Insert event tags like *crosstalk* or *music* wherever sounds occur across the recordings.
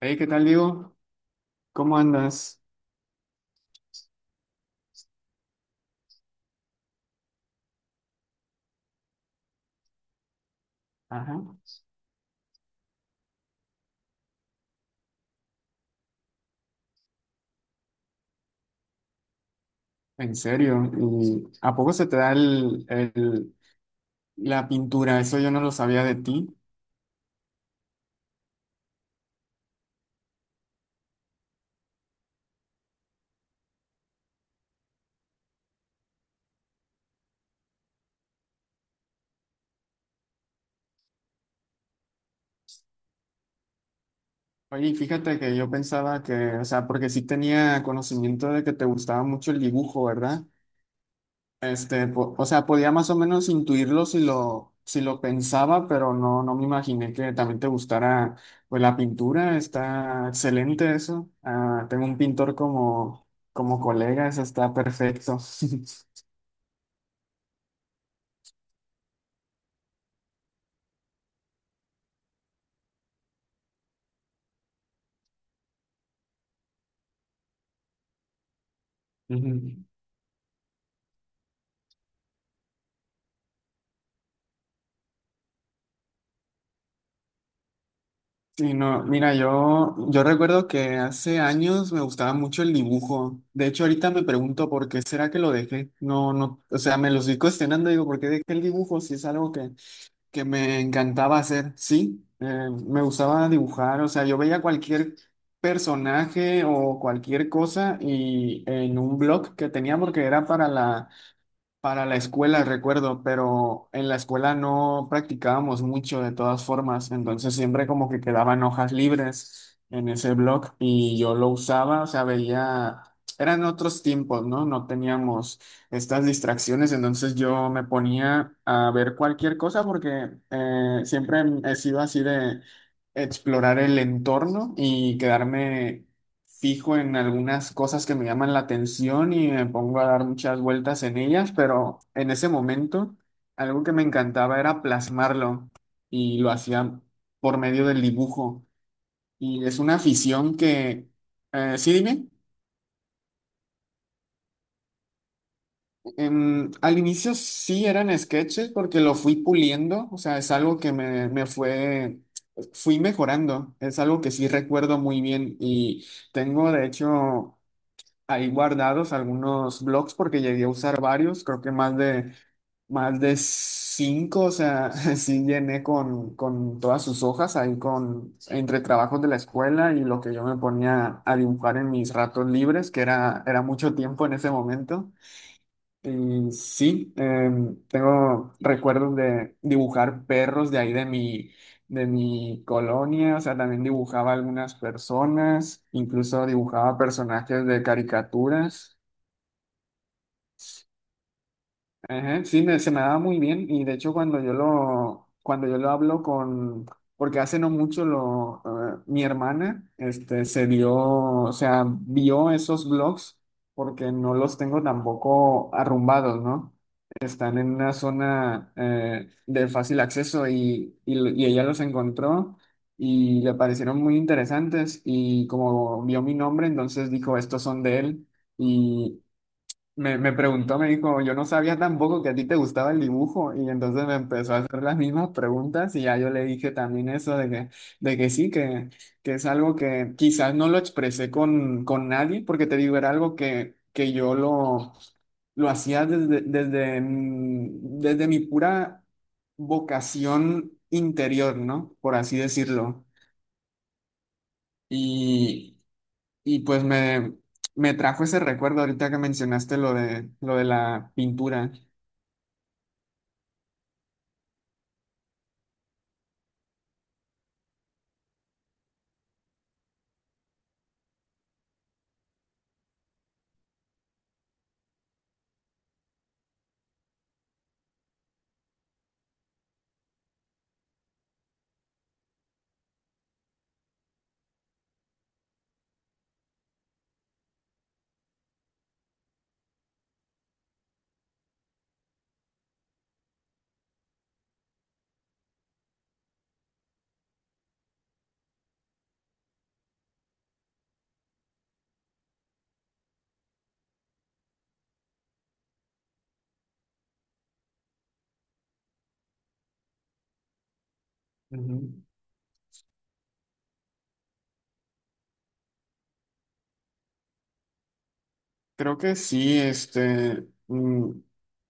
Hey, ¿qué tal, Diego? ¿Cómo andas? Ajá. ¿En serio? ¿Y a poco se te da la pintura? Eso yo no lo sabía de ti. Oye, y fíjate que yo pensaba que, o sea, porque sí tenía conocimiento de que te gustaba mucho el dibujo, ¿verdad? O sea, podía más o menos intuirlo si si lo pensaba, pero no, no me imaginé que también te gustara, pues, la pintura. Está excelente eso. Ah, tengo un pintor como, como colega, eso está perfecto. *laughs* Ujú. Sí, no, mira, yo recuerdo que hace años me gustaba mucho el dibujo. De hecho, ahorita me pregunto por qué será que lo dejé. No, no, o sea, me lo estoy cuestionando, digo, ¿por qué dejé el dibujo? Si es algo que me encantaba hacer. Sí, me gustaba dibujar, o sea, yo veía cualquier personaje o cualquier cosa y en un blog que tenía porque era para la Para la escuela, recuerdo, pero en la escuela no practicábamos mucho de todas formas, entonces siempre como que quedaban hojas libres en ese blog y yo lo usaba, o sea, veía, eran otros tiempos, ¿no? No teníamos estas distracciones, entonces yo me ponía a ver cualquier cosa porque siempre he sido así de explorar el entorno y quedarme fijo en algunas cosas que me llaman la atención y me pongo a dar muchas vueltas en ellas, pero en ese momento algo que me encantaba era plasmarlo y lo hacía por medio del dibujo. Y es una afición que, sí, dime, al inicio sí eran sketches porque lo fui puliendo, o sea, es algo que me fue, fui mejorando, es algo que sí recuerdo muy bien y tengo de hecho ahí guardados algunos blogs porque llegué a usar varios, creo que más de cinco, o sea, *laughs* sí llené con todas sus hojas ahí con, entre trabajos de la escuela y lo que yo me ponía a dibujar en mis ratos libres, que era, era mucho tiempo en ese momento. Y sí, tengo recuerdos de dibujar perros de ahí de de mi colonia, o sea, también dibujaba algunas personas, incluso dibujaba personajes de caricaturas. Ajá, sí, se me daba muy bien y de hecho cuando cuando yo lo hablo con, porque hace no mucho mi hermana, este, se dio, o sea, vio esos blogs porque no los tengo tampoco arrumbados, ¿no? Están en una zona de fácil acceso y ella los encontró y le parecieron muy interesantes y como vio mi nombre, entonces dijo, estos son de él, me preguntó, me dijo, yo no sabía tampoco que a ti te gustaba el dibujo y entonces me empezó a hacer las mismas preguntas y ya yo le dije también eso de que sí, que es algo que quizás no lo expresé con nadie porque te digo, era algo que lo hacía desde mi pura vocación interior, ¿no? Por así decirlo. Y, y pues me trajo ese recuerdo ahorita que mencionaste lo de la pintura. Ujú. Creo que sí,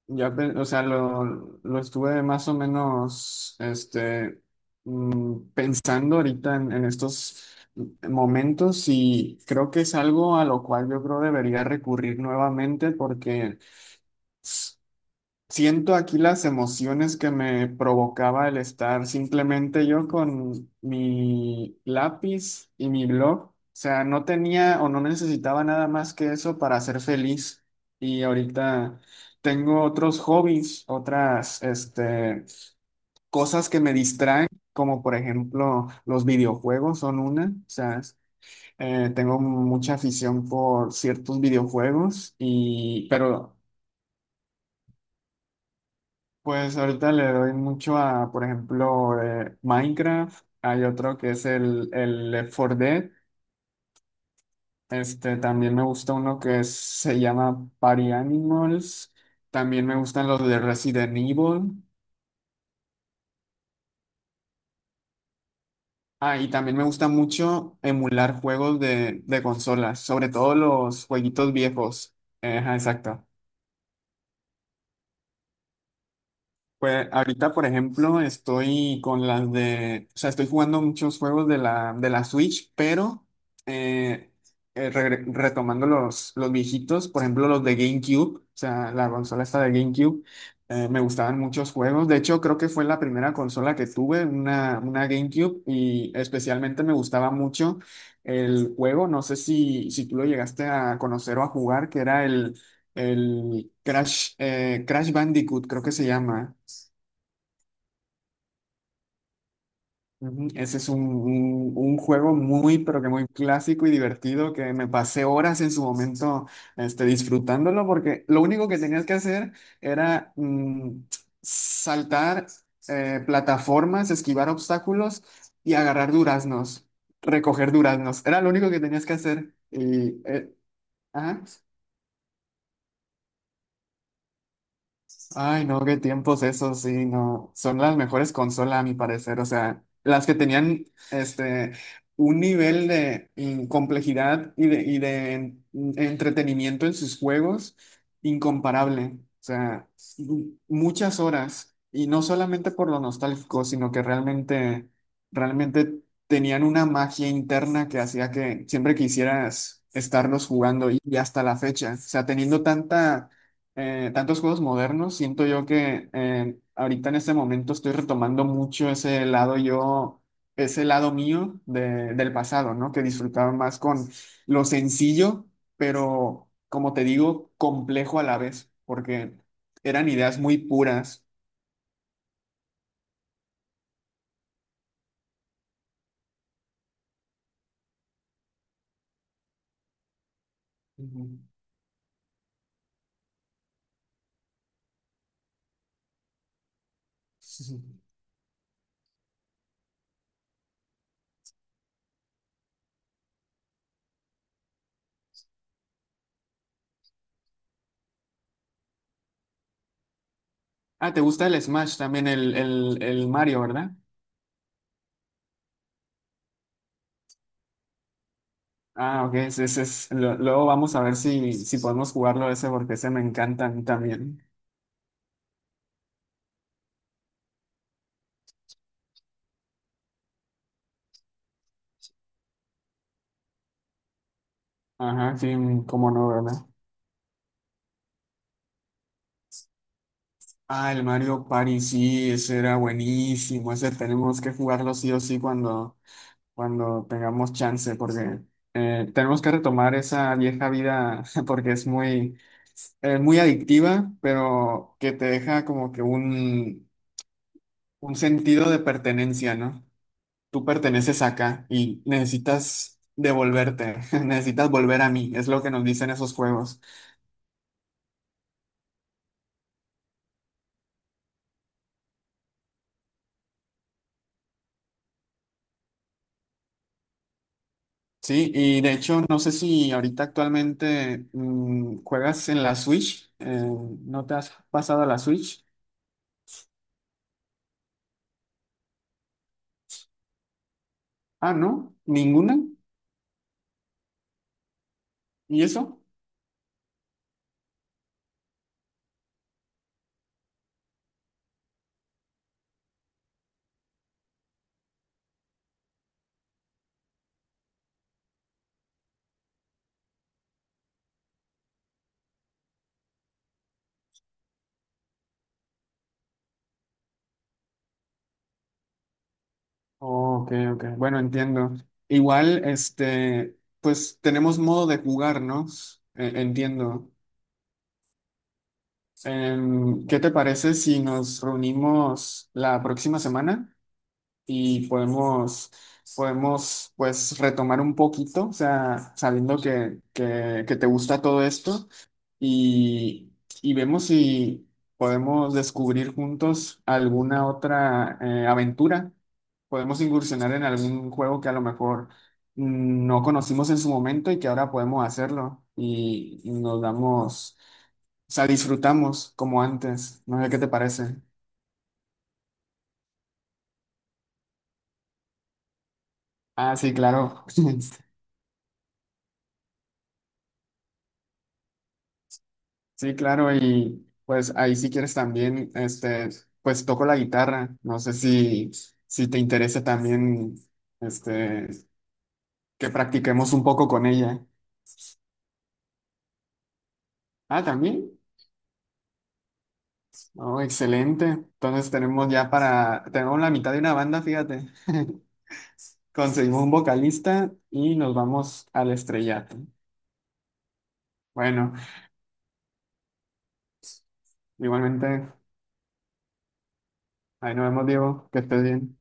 ya, o sea, lo estuve más o menos, pensando ahorita en estos momentos y creo que es algo a lo cual yo creo debería recurrir nuevamente porque siento aquí las emociones que me provocaba el estar simplemente yo con mi lápiz y mi blog. O sea, no tenía o no necesitaba nada más que eso para ser feliz. Y ahorita tengo otros hobbies, otras, este, cosas que me distraen, como por ejemplo los videojuegos son una. O sea, tengo mucha afición por ciertos videojuegos y, pero pues ahorita le doy mucho a, por ejemplo, Minecraft. Hay otro que es el Left 4 Dead. Este, también me gusta uno se llama Party Animals. También me gustan los de Resident Evil. Ah, y también me gusta mucho emular juegos de consolas, sobre todo los jueguitos viejos. Ajá, exacto. Pues ahorita, por ejemplo, estoy con las de, o sea, estoy jugando muchos juegos de de la Switch, pero eh, retomando los viejitos, por ejemplo, los de GameCube, o sea, la consola esta de GameCube, me gustaban muchos juegos. De hecho, creo que fue la primera consola que tuve, una GameCube, y especialmente me gustaba mucho el juego, no sé si, si tú lo llegaste a conocer o a jugar, que era el El Crash, Crash Bandicoot, creo que se llama. Ujú. Ese es un, un juego muy, pero que muy clásico y divertido que me pasé horas en su momento este, disfrutándolo porque lo único que tenías que hacer era saltar plataformas, esquivar obstáculos y agarrar duraznos, recoger duraznos. Era lo único que tenías que hacer. Y, ajá. Ay, no, qué tiempos esos, sí, no. Son las mejores consolas, a mi parecer. O sea, las que tenían este un nivel de complejidad y de entretenimiento en sus juegos incomparable. O sea, muchas horas. Y no solamente por lo nostálgico, sino que realmente, realmente tenían una magia interna que hacía que siempre quisieras estarlos jugando y hasta la fecha. O sea, teniendo tanta tantos juegos modernos, siento yo que ahorita en este momento estoy retomando mucho ese lado yo, ese lado mío del pasado, ¿no? Que disfrutaba más con lo sencillo, pero como te digo, complejo a la vez, porque eran ideas muy puras. Ujú. *laughs* Ah, ¿te gusta el Smash también, el Mario, ¿verdad? Ah, ok, ese, luego vamos a ver si, si podemos jugarlo ese porque ese me encanta a mí también. Ajá, sí, cómo no, ¿verdad? Ah, el Mario Party, sí, ese era buenísimo. Ese tenemos que jugarlo sí o sí cuando, cuando tengamos chance, porque tenemos que retomar esa vieja vida, *laughs* porque es muy, muy adictiva, pero que te deja como que un sentido de pertenencia, ¿no? Tú perteneces acá y necesitas devolverte, *laughs* necesitas volver a mí, es lo que nos dicen esos juegos. Sí, y de hecho, no sé si ahorita actualmente juegas en la Switch. ¿No te has pasado a la Switch? Ah, ¿no? ¿Ninguna? ¿Y eso? Oh, ok, ok. Bueno, entiendo. Igual, este, pues tenemos modo de jugar, ¿no? Entiendo. ¿Qué te parece si nos reunimos la próxima semana? Y podemos, podemos pues retomar un poquito, o sea, sabiendo que te gusta todo esto y, y vemos si podemos descubrir juntos alguna otra aventura. Podemos incursionar en algún juego que a lo mejor no conocimos en su momento y que ahora podemos hacerlo y nos damos, o sea, disfrutamos como antes. No sé qué te parece. Ah, sí, claro. *laughs* Sí, claro, y pues ahí si quieres también, este, pues toco la guitarra. No sé si, si te interesa también, este, que practiquemos un poco con ella. Ah, también. Oh, excelente. Entonces tenemos ya para, tenemos la mitad de una banda, fíjate. *laughs* Conseguimos un vocalista y nos vamos al estrellato. Bueno, igualmente, ahí nos vemos, Diego, que estés bien.